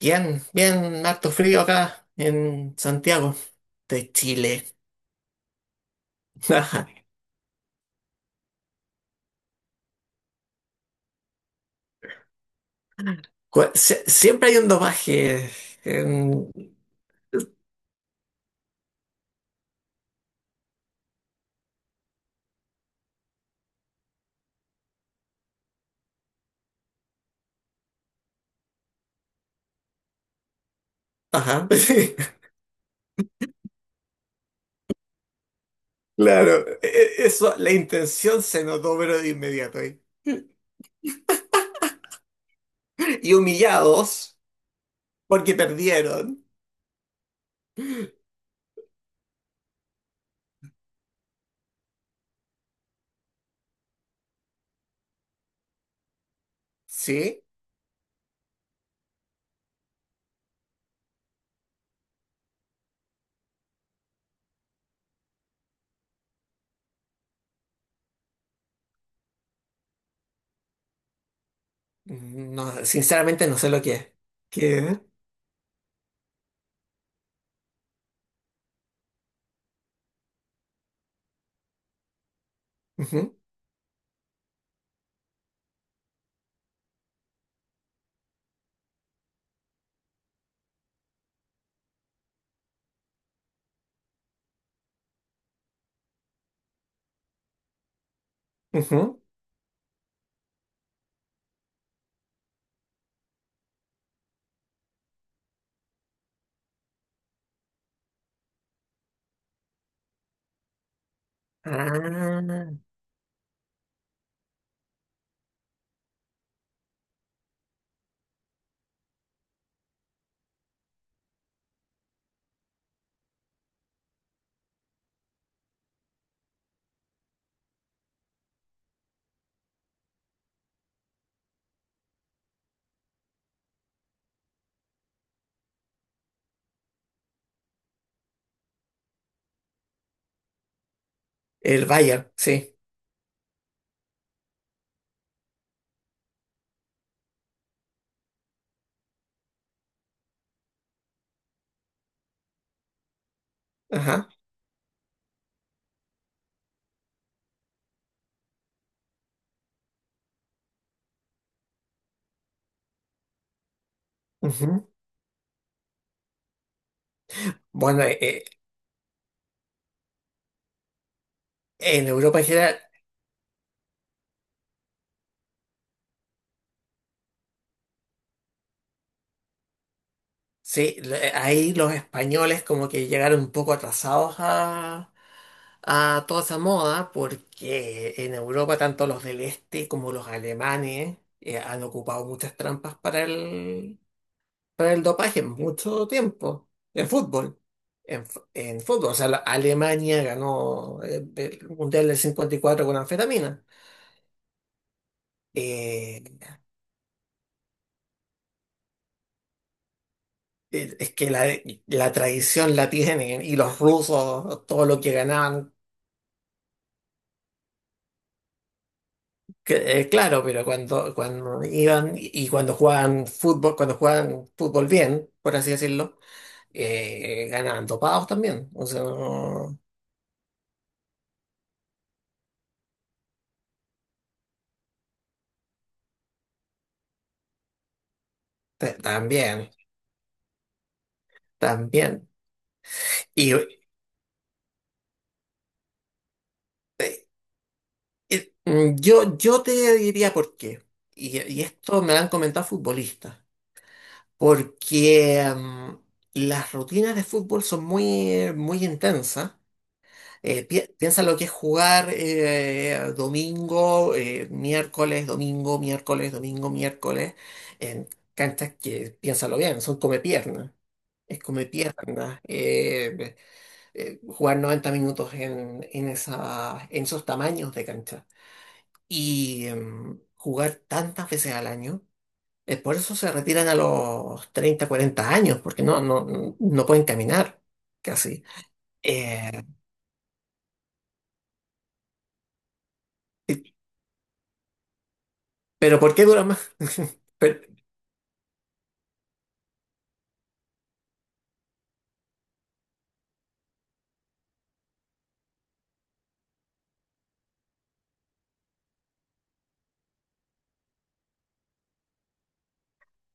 Bien, bien, harto frío acá en Santiago de Chile. Ajá. Siempre hay un dopaje en. Ajá. Claro, eso, la intención se notó, pero de inmediato ahí. Y humillados porque perdieron. ¿Sí? No, sinceramente no sé lo que es. ¿Qué? Ujú, ujú. Ah, el Bayern, sí. Ajá. Ujú. Bueno, en Europa en general. Sí, ahí los españoles como que llegaron un poco atrasados a toda esa moda, porque en Europa tanto los del este como los alemanes han ocupado muchas trampas para el dopaje en mucho tiempo, en fútbol. En fútbol, o sea, Alemania ganó el Mundial del 54 con anfetamina. Eh, es que la tradición la tienen y los rusos, todo lo que ganaban. Que, claro, pero cuando iban y cuando jugaban fútbol bien, por así decirlo, ganaban dopados también. O sea, también, también. Y yo te diría por qué. Y esto me lo han comentado futbolistas. Porque las rutinas de fútbol son muy, muy intensas. Piensa lo que es jugar domingo, miércoles, domingo, miércoles, domingo, miércoles, en canchas que, piénsalo bien, son come piernas. Es come piernas. Jugar 90 minutos en esos tamaños de cancha. Y jugar tantas veces al año. Por eso se retiran a los 30 40 años, porque no pueden caminar casi. Eh, pero ¿por qué dura más? Pero,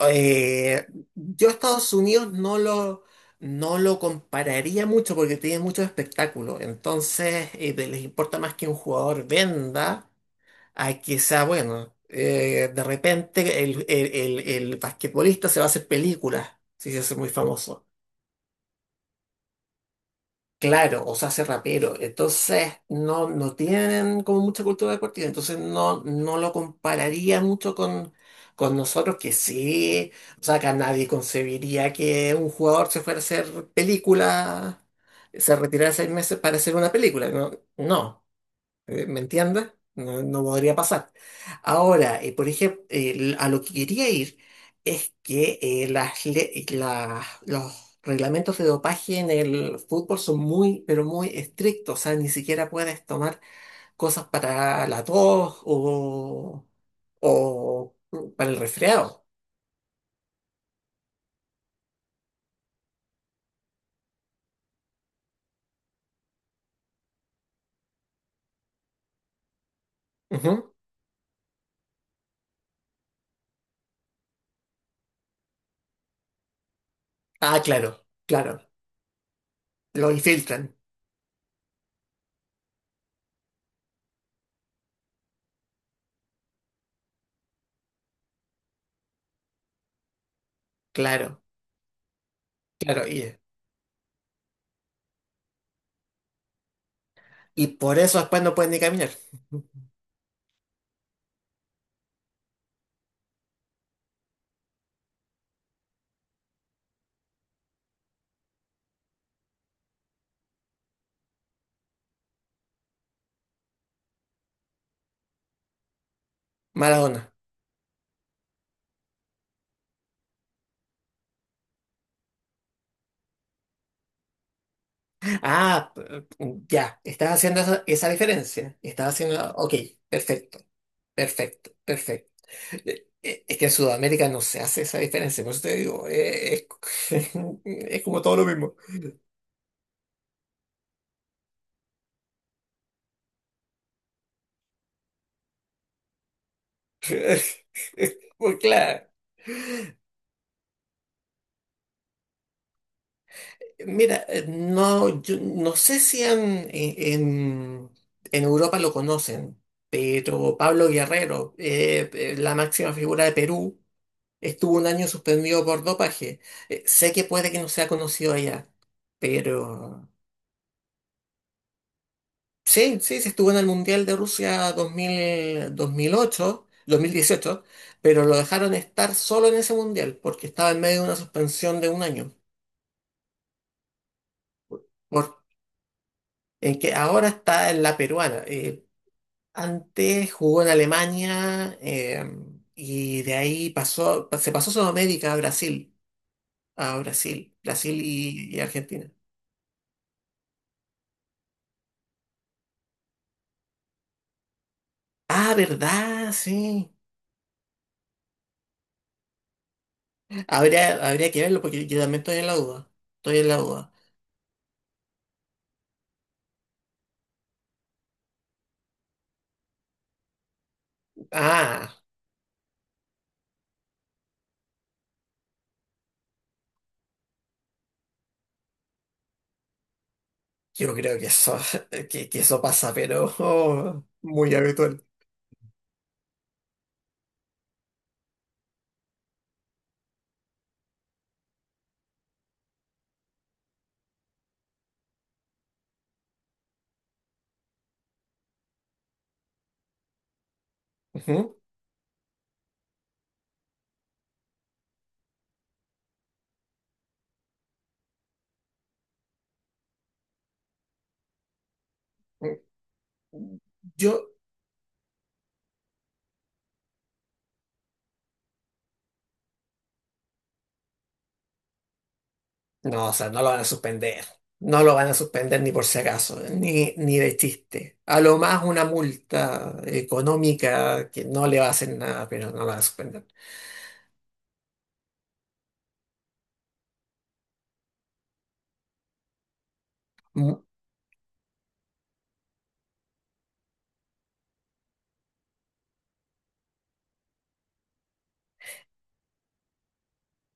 Eh, yo Estados Unidos no lo compararía mucho porque tiene muchos espectáculos. Entonces, les importa más que un jugador venda a que sea bueno. De repente el basquetbolista se va a hacer películas si se hace muy famoso. Claro, o se hace rapero. Entonces, no tienen como mucha cultura de deportiva. Entonces, no lo compararía mucho con nosotros, que sí. O sea, acá nadie concebiría que un jugador se fuera a hacer película, se retirara 6 meses para hacer una película. No, no. ¿Me entiendes? No, no podría pasar. Ahora, por ejemplo, a lo que quería ir es que los reglamentos de dopaje en el fútbol son muy, pero muy estrictos. O sea, ni siquiera puedes tomar cosas para la tos o para el resfriado. Ujú. Ah, claro, claro. Lo infiltran. Claro, claro. Y por eso después no pueden ni caminar. Maradona. Ah, ya, estás haciendo esa diferencia. Estás haciendo, ok, perfecto, perfecto, perfecto. Es que en Sudamérica no se hace esa diferencia, por eso te digo, es, es como todo lo mismo. Pues claro, mira, no, yo no sé si en, en Europa lo conocen, pero Pablo Guerrero, la máxima figura de Perú. Estuvo un año suspendido por dopaje. Sé que puede que no sea conocido allá, pero sí, sí, sí estuvo en el Mundial de Rusia 2018, pero lo dejaron estar solo en ese Mundial porque estaba en medio de una suspensión de un año, por, en que ahora está en la peruana. Antes jugó en Alemania y de ahí se pasó Sudamérica a Brasil y Argentina. Ah, ¿verdad? Sí. Habría que verlo porque yo también estoy en la duda. Estoy en la duda. Ah, yo creo que que eso pasa, pero oh, muy habitual. Ujú. Yo, no, o sea, no lo van a suspender. No lo van a suspender ni por si acaso, ni de chiste. A lo más una multa económica que no le va a hacer nada, pero no lo van a suspender.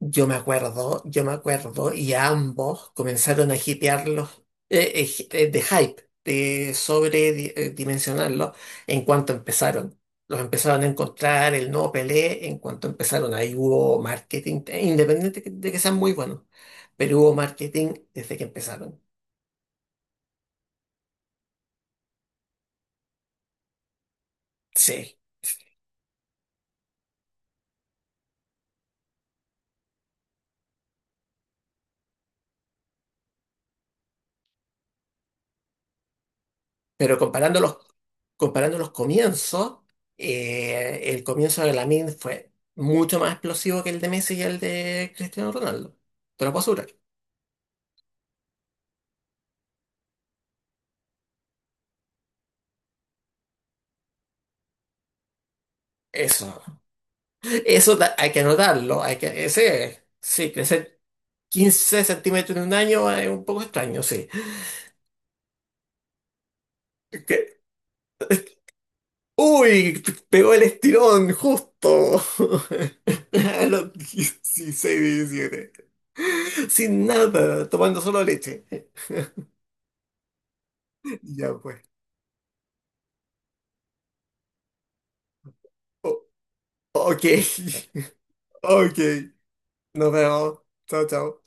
Yo me acuerdo, y ambos comenzaron a hipearlos, de hype, de sobredimensionarlos en cuanto empezaron. Los empezaron a encontrar el nuevo Pelé en cuanto empezaron. Ahí hubo marketing, independiente de que sean muy buenos, pero hubo marketing desde que empezaron. Sí, sí. Pero comparándolos comparando los comienzos, el comienzo de Lamine fue mucho más explosivo que el de Messi y el de Cristiano Ronaldo. Te lo puedo asegurar. Eso, eso, hay que anotarlo, sí, crecer 15 centímetros en un año es un poco extraño, sí. Que- uy, pegó el estirón justo. A los 16, 17. Sin nada, tomando solo leche. Ya pues. O- ok, ok. Nos vemos. Chao, chao.